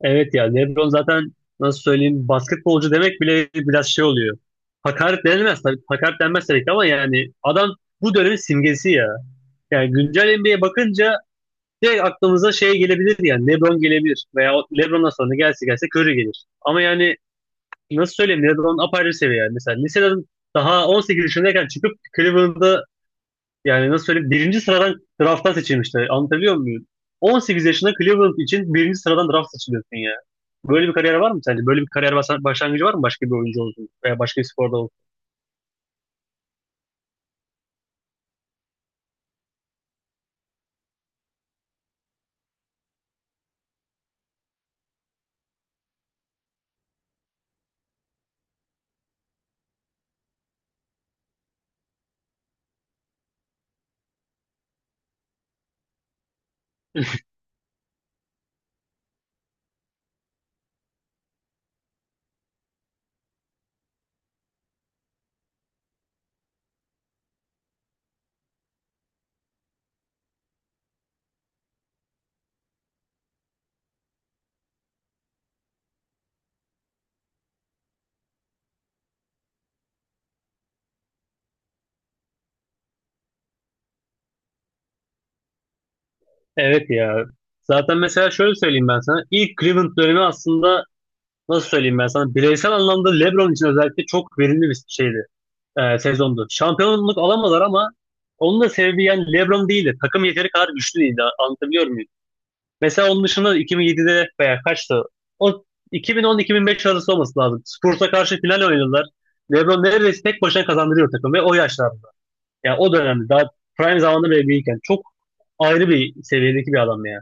Evet ya LeBron zaten nasıl söyleyeyim basketbolcu demek bile biraz şey oluyor. Hakaret denilmez tabii. Hakaret denmez tabii ki ama yani adam bu dönemin simgesi ya. Yani güncel NBA'ye bakınca direkt aklımıza şey gelebilir yani LeBron gelebilir veya o LeBron'dan sonra gelse gelse Curry gelir. Ama yani nasıl söyleyeyim LeBron apayrı seviye yani. Mesela liseden daha 18 yaşındayken çıkıp Cleveland'da yani nasıl söyleyeyim? Birinci sıradan drafttan seçilmişler. Anlatabiliyor muyum? 18 yaşında Cleveland için birinci sıradan draft seçiliyorsun ya. Böyle bir kariyer var mı sence? Böyle bir kariyer başlangıcı var mı başka bir oyuncu olsun veya başka bir sporda olsun? Evet ya. Zaten mesela şöyle söyleyeyim ben sana. İlk Cleveland dönemi aslında nasıl söyleyeyim ben sana? Bireysel anlamda LeBron için özellikle çok verimli bir şeydi. Sezondu. Şampiyonluk alamadılar ama onun da sebebi yani LeBron değildi. Takım yeteri kadar güçlü değildi. Anlatabiliyor muyum? Mesela onun dışında 2007'de veya kaçtı? O 2010-2005 arası olması lazım. Spurs'a karşı final oynadılar. LeBron neredeyse tek başına kazandırıyor takım ve o yaşlarda. Yani o dönemde daha prime zamanında bile değilken çok ayrı bir seviyedeki bir adam ya.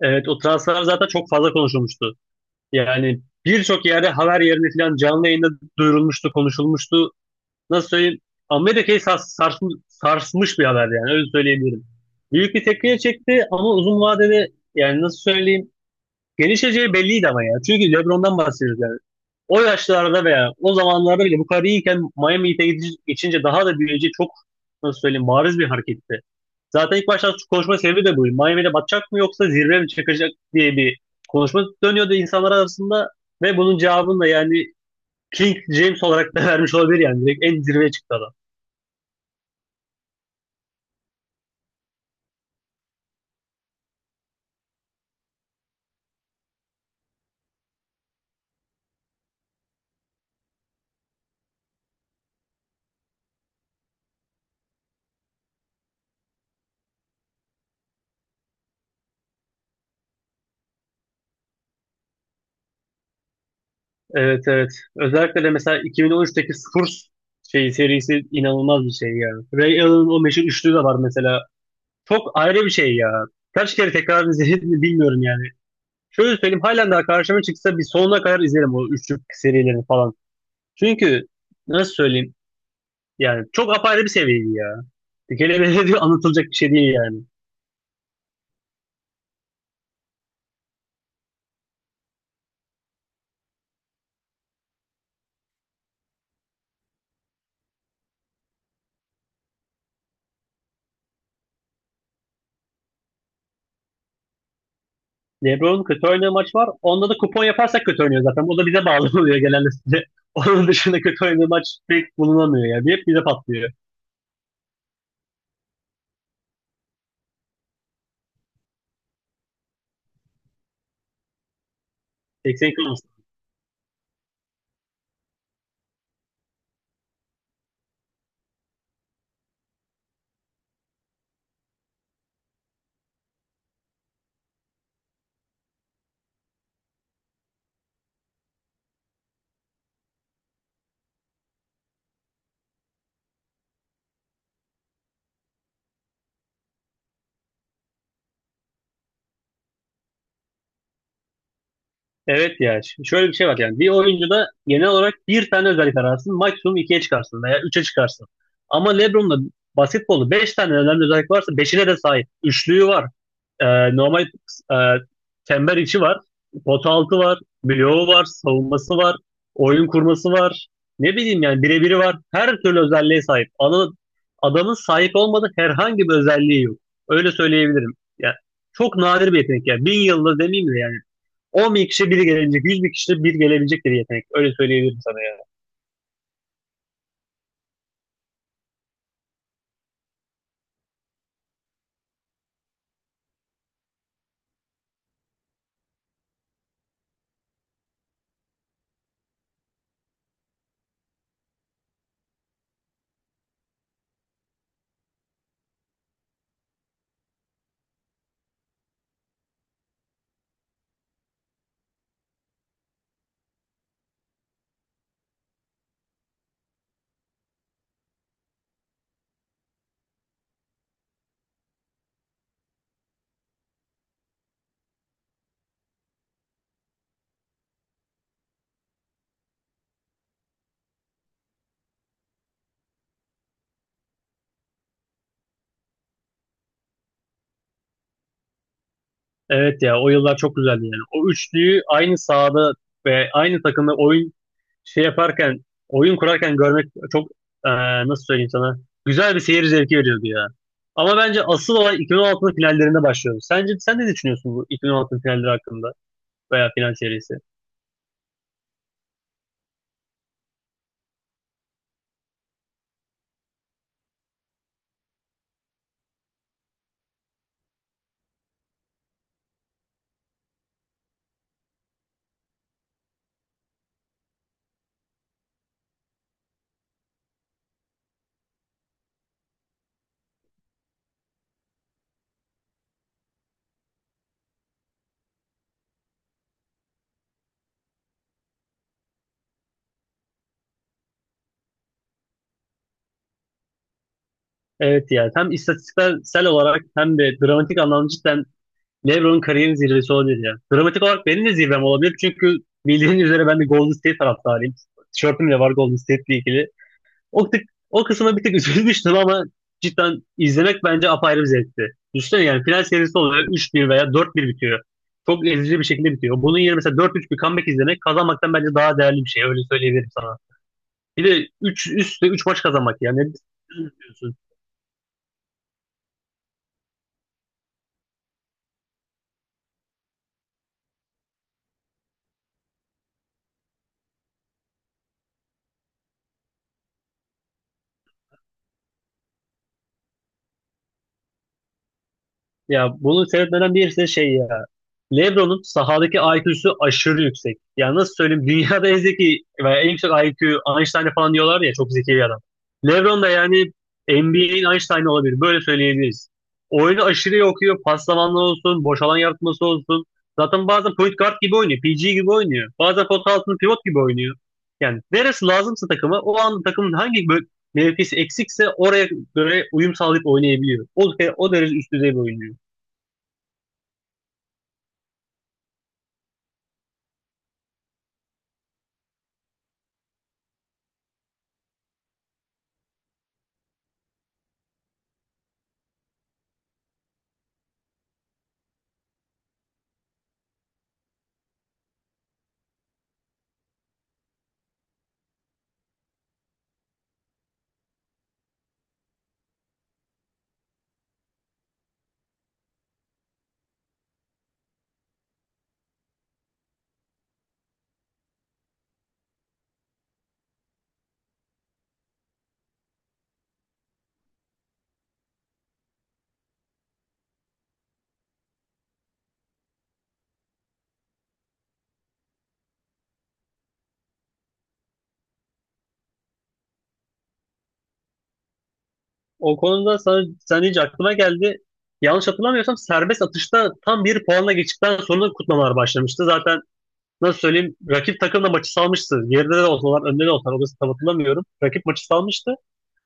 Evet, o transfer zaten çok fazla konuşulmuştu. Yani birçok yerde haber yerine falan canlı yayında duyurulmuştu, konuşulmuştu. Nasıl söyleyeyim? Amerika'yı sarsmış bir haber yani öyle söyleyebilirim. Büyük bir tepkiye çekti ama uzun vadede yani nasıl söyleyeyim gelişeceği belliydi ama ya. Çünkü LeBron'dan bahsediyoruz yani. O yaşlarda veya o zamanlarda bile bu kadar iyiyken Miami Heat'e geçince daha da büyüyeceği çok nasıl söyleyeyim bariz bir hareketti. Zaten ilk başta konuşma sebebi de buydu. Miami'de batacak mı yoksa zirve mi çıkacak diye bir konuşma dönüyordu insanlar arasında ve bunun cevabını da yani King James olarak da vermiş olabilir yani. Direkt en zirveye çıktı adam. Evet, evet. Özellikle de mesela 2013'teki Spurs şey serisi inanılmaz bir şey yani. Ray Allen'ın o meşhur üçlü de var mesela. Çok ayrı bir şey ya. Kaç kere tekrar izledim mi bilmiyorum yani. Şöyle söyleyeyim, halen daha karşıma çıksa bir sonuna kadar izlerim o üçlük serilerini falan. Çünkü nasıl söyleyeyim yani çok apayrı bir seviyeydi ya. Dikelemeyle diyor anlatılacak bir şey değil yani. LeBron kötü oynadığı maç var. Onda da kupon yaparsak kötü oynuyor zaten. O da bize bağlı oluyor genelde. Onun dışında kötü oynadığı maç pek bulunamıyor yani. Hep bize patlıyor. 80. Evet ya şöyle bir şey var yani bir oyuncuda genel olarak bir tane özellik ararsın, maksimum ikiye çıkarsın veya üçe çıkarsın. Ama LeBron'da basketbolu beş tane önemli özellik varsa beşine de sahip. Üçlüğü var, normal e, çember içi var, pota altı var, bloğu var, savunması var, oyun kurması var. Ne bileyim yani birebiri var. Her türlü özelliğe sahip. Adamın sahip olmadığı herhangi bir özelliği yok. Öyle söyleyebilirim. Yani çok nadir bir yetenek ya. Bin yılda demeyeyim de yani 10 bin kişi biri gelecek, 100 bin kişi bir gelebilecek bir yetenek. Öyle söyleyebilirim sana ya. Evet ya, o yıllar çok güzeldi yani. O üçlüyü aynı sahada ve aynı takımda oyun şey yaparken, oyun kurarken görmek çok, eee, nasıl söyleyeyim sana, güzel bir seyir zevki veriyordu ya. Ama bence asıl olay 2016'nın finallerinde başlıyor. Sence sen ne düşünüyorsun bu 2016'nın finalleri hakkında veya final serisi? Evet ya, hem istatistiksel olarak hem de dramatik anlamda cidden LeBron'un kariyerin zirvesi olabilir ya. Dramatik olarak benim de zirvem olabilir çünkü bildiğin üzere ben de Golden State taraftarıyım. Tişörtüm de var Golden State'le ilgili. O, tık, o kısma bir tık üzülmüştüm ama cidden izlemek bence apayrı bir zevkti. Düşünsene, yani final serisi oluyor, 3-1 veya 4-1 bitiyor. Çok ezici bir şekilde bitiyor. Bunun yerine mesela 4-3 bir comeback izlemek kazanmaktan bence daha değerli bir şey. Öyle söyleyebilirim sana. Bir de 3 üstte 3 maç kazanmak yani. Ya bunu seyretmeden birisi şey ya. LeBron'un sahadaki IQ'su aşırı yüksek. Yani nasıl söyleyeyim, dünyada en zeki veya en yüksek IQ Einstein'e falan diyorlar ya, çok zeki bir adam. LeBron da yani NBA'in Einstein'ı olabilir. Böyle söyleyebiliriz. Oyunu aşırı iyi okuyor. Paslamanlar olsun, boş alan yaratması olsun. Zaten bazen point guard gibi oynuyor. PG gibi oynuyor. Bazen pot altında pivot gibi oynuyor. Yani neresi lazımsa takıma, o an takımın hangi mevkisi eksikse oraya göre uyum sağlayıp oynayabiliyor. O derece üst düzey bir oyuncu. O konuda sen deyince aklıma geldi. Yanlış hatırlamıyorsam serbest atışta tam bir puanla geçtikten sonra kutlamalar başlamıştı. Zaten nasıl söyleyeyim, rakip takım da maçı salmıştı. Geride de olsalar önde de olsalar orası tam hatırlamıyorum. Rakip maçı salmıştı.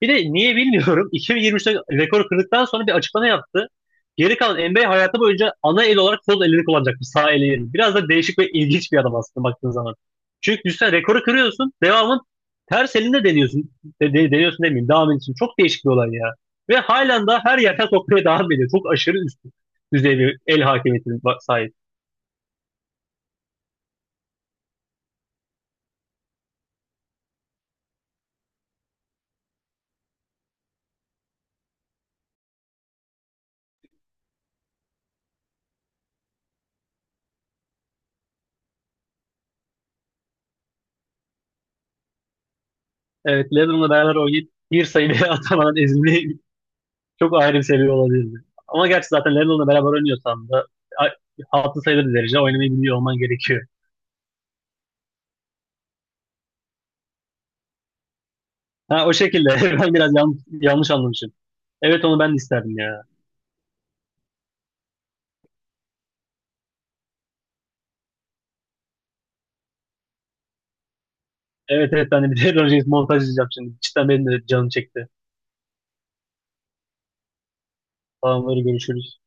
Bir de niye bilmiyorum 2023'te rekoru kırdıktan sonra bir açıklama yaptı. Geri kalan NBA hayatı boyunca ana el olarak sol elini kullanacakmış. Sağ eli yerine. Biraz da değişik ve ilginç bir adam aslında baktığın zaman. Çünkü düşünsene, rekoru kırıyorsun. Devamın ters elinde deniyorsun. Deniyorsun demeyeyim. Devam ediyorsun. Çok değişik bir olay ya. Ve halen daha her yerden sokmaya devam ediyor. Çok aşırı üst düzey bir el hakimiyetine sahip. Evet, Lennon'la beraber oynayıp bir sayı atamadan ezildiği çok ayrı bir seviye olabilirdi. Ama gerçi zaten Lennon'la beraber oynuyorsan da a- altı sayılı bir derece oynamayı biliyor olman gerekiyor. Ha, o şekilde. Ben biraz yanlış anlamışım. Evet, onu ben de isterdim ya. Evet, evet, ben de bir LeBron James montaj izleyeceğim şimdi. Cidden benim de canım çekti. Tamamları, görüşürüz.